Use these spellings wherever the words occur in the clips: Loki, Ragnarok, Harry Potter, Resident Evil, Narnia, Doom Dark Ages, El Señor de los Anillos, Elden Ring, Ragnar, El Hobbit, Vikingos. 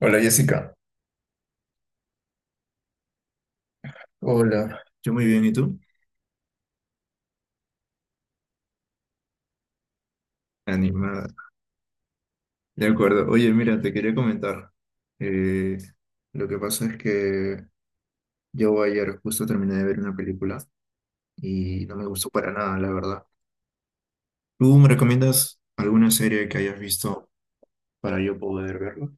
Hola Jessica. Hola, yo muy bien, ¿y tú? Animada. De acuerdo. Oye, mira, te quería comentar. Eh, lo que pasa es que yo ayer justo terminé de ver una película y no me gustó para nada, la verdad. ¿Tú me recomiendas alguna serie que hayas visto para yo poder verla?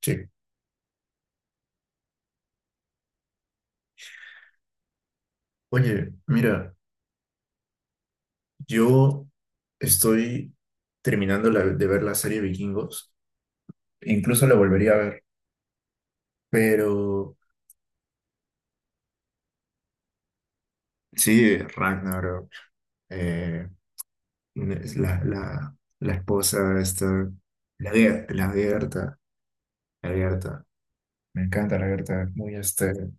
Sí. Oye, mira, yo estoy terminando de ver la serie Vikingos. Incluso la volvería a ver, pero... Sí, Ragnarok. eh, Es la esposa, esta, la Gerta, la Gerta. Me encanta la Gerta, es muy este.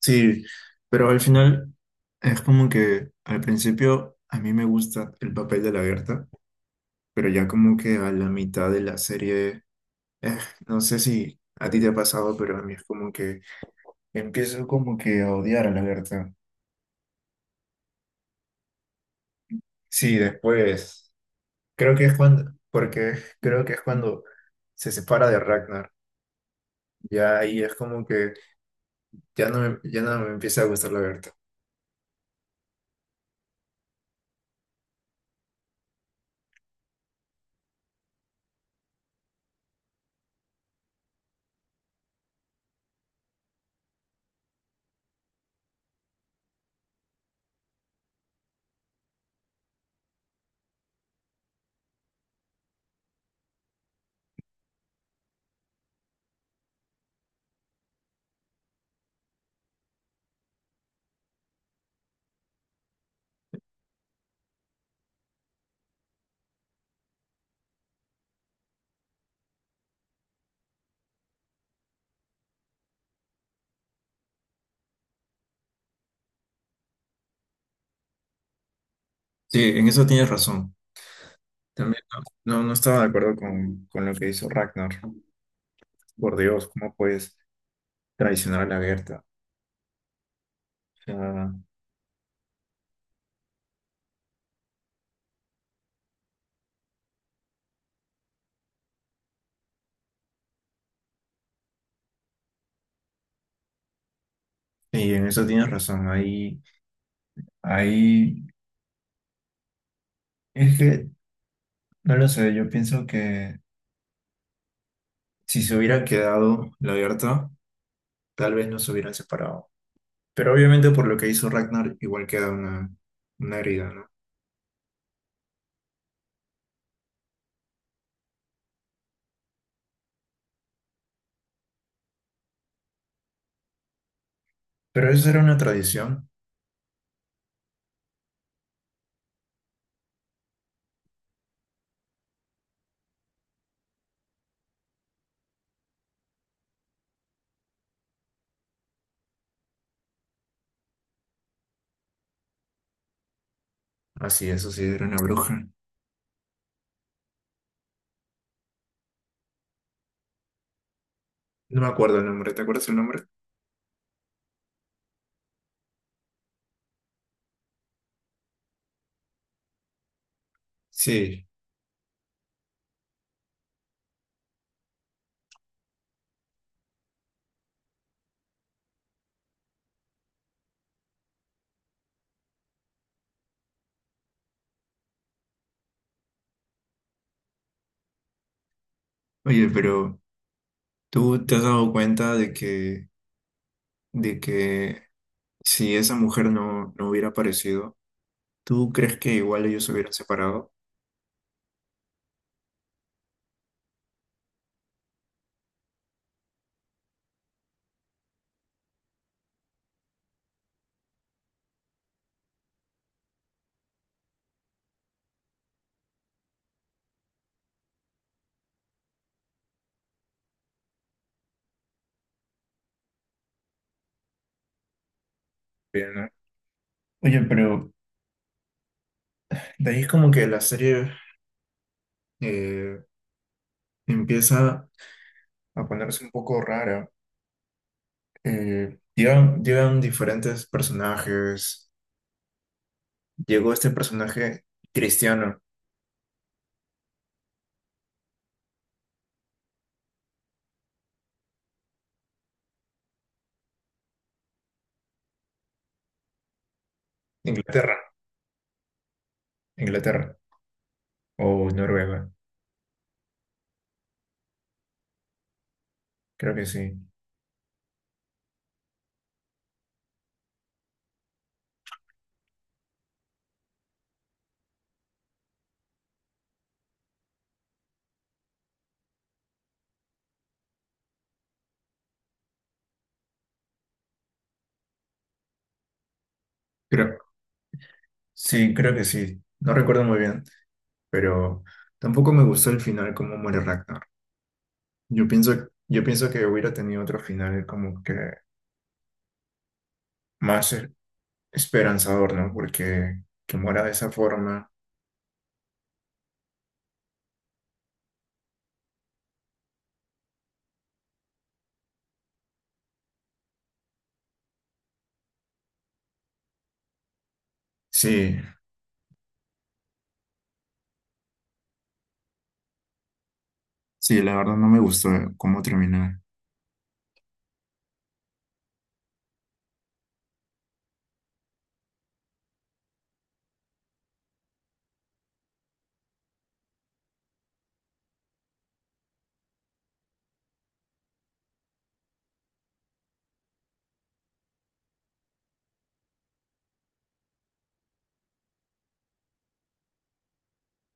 Sí, pero al final es como que al principio a mí me gusta el papel de la Gerta, pero ya como que a la mitad de la serie, eh, no sé si a ti te ha pasado, pero a mí es como que empiezo como que a odiar a la Gerta. Sí, después, creo que es cuando, porque creo que es cuando se separa de Ragnar. Ya ahí es como que ya no me empieza a gustar la Berta. Sí, en eso tienes razón. También no, no estaba de acuerdo con lo que hizo Ragnar. Por Dios, ¿cómo puedes traicionar a la Berta? O sea, y en eso tienes razón. Ahí, ahí es que no lo sé. Yo pienso que si se hubiera quedado la Berta, tal vez no se hubieran separado. Pero obviamente por lo que hizo Ragnar, igual queda una herida, ¿no? Pero eso era una tradición. Así, eso sí, era una bruja. No me acuerdo el nombre, ¿te acuerdas el nombre? Sí. Oye, pero ¿tú te has dado cuenta de que si esa mujer no hubiera aparecido, ¿tú crees que igual ellos se hubieran separado? Bien, ¿no? Oye, pero de ahí es como que la serie eh, empieza a ponerse un poco rara. Llegan diferentes personajes. Llegó este personaje cristiano, Inglaterra, Inglaterra o Noruega, creo que sí. Sí, creo que sí. No recuerdo muy bien, pero tampoco me gustó el final como muere Ragnar. Yo pienso que hubiera tenido otro final como que más esperanzador, ¿no? Porque que muera de esa forma. Sí, sí, la verdad no me gustó cómo terminó.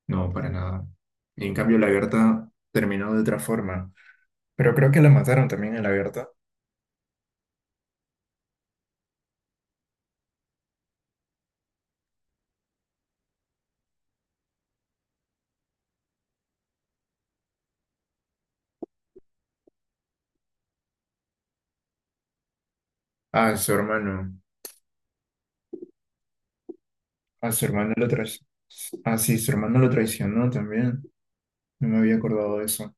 No, para nada. Y en cambio la Berta terminó de otra forma. Pero creo que la mataron también a la Berta. A su hermano. A su hermano lo traicionó. Ah, sí, su hermano lo traicionó también. No me había acordado de eso.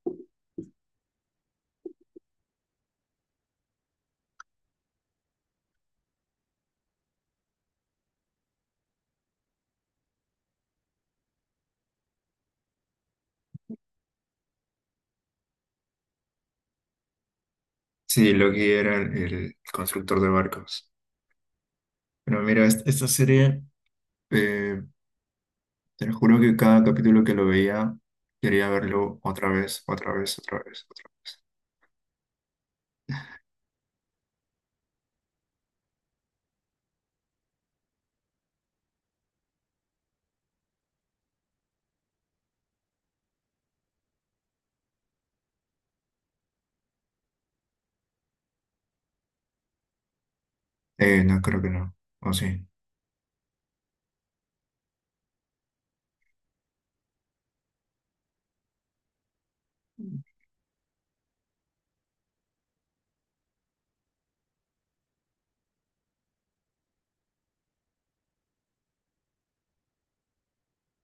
Sí, Loki era el constructor de barcos. Pero mira, esta serie, eh, te lo juro que cada capítulo que lo veía, quería verlo otra vez, otra vez, otra vez, otra vez. No, creo que no. O sí,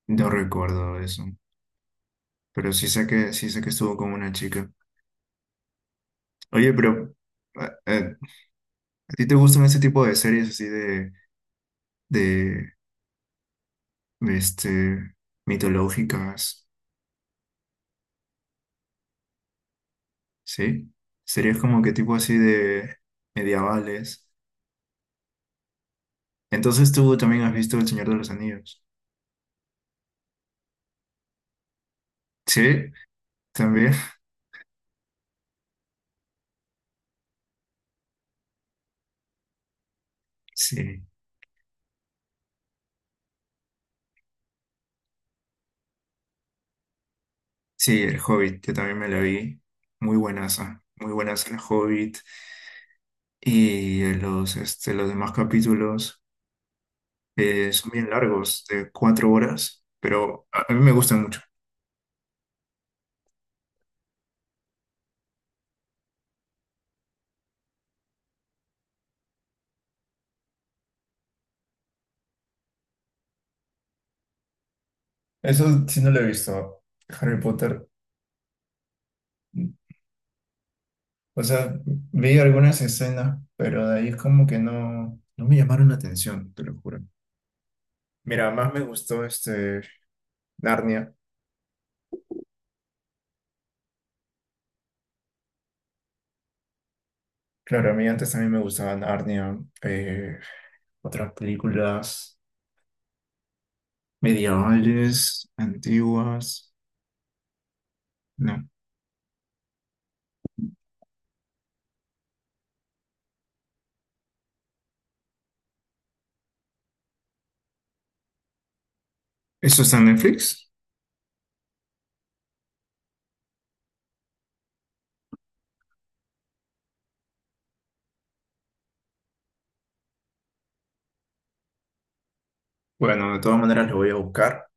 no recuerdo eso. Pero sí sé que estuvo con una chica. Oye, pero eh, eh, ¿a ti te gustan ese tipo de series así de, este, mitológicas? ¿Sí? Series como que tipo así de medievales. Entonces tú también has visto El Señor de los Anillos. Sí, también. Sí, sí, El Hobbit, yo también me la vi. Muy buenas, muy buenas El Hobbit. Y los, este, los demás capítulos son bien largos, de 4 horas, pero a mí me gustan mucho. Eso sí no lo he visto, Harry Potter. O sea, vi algunas escenas, pero de ahí es como que no, no me llamaron la atención, te lo juro. Mira, más me gustó este Narnia. Claro, a mí antes también me gustaban Narnia, eh, otras películas medievales, antiguas. No. ¿Eso está en Netflix? Bueno, de todas maneras lo voy a buscar.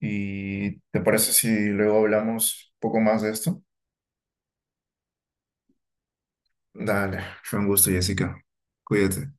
¿Y te parece si luego hablamos un poco más de esto? Dale, fue un gusto, Jessica. Cuídate.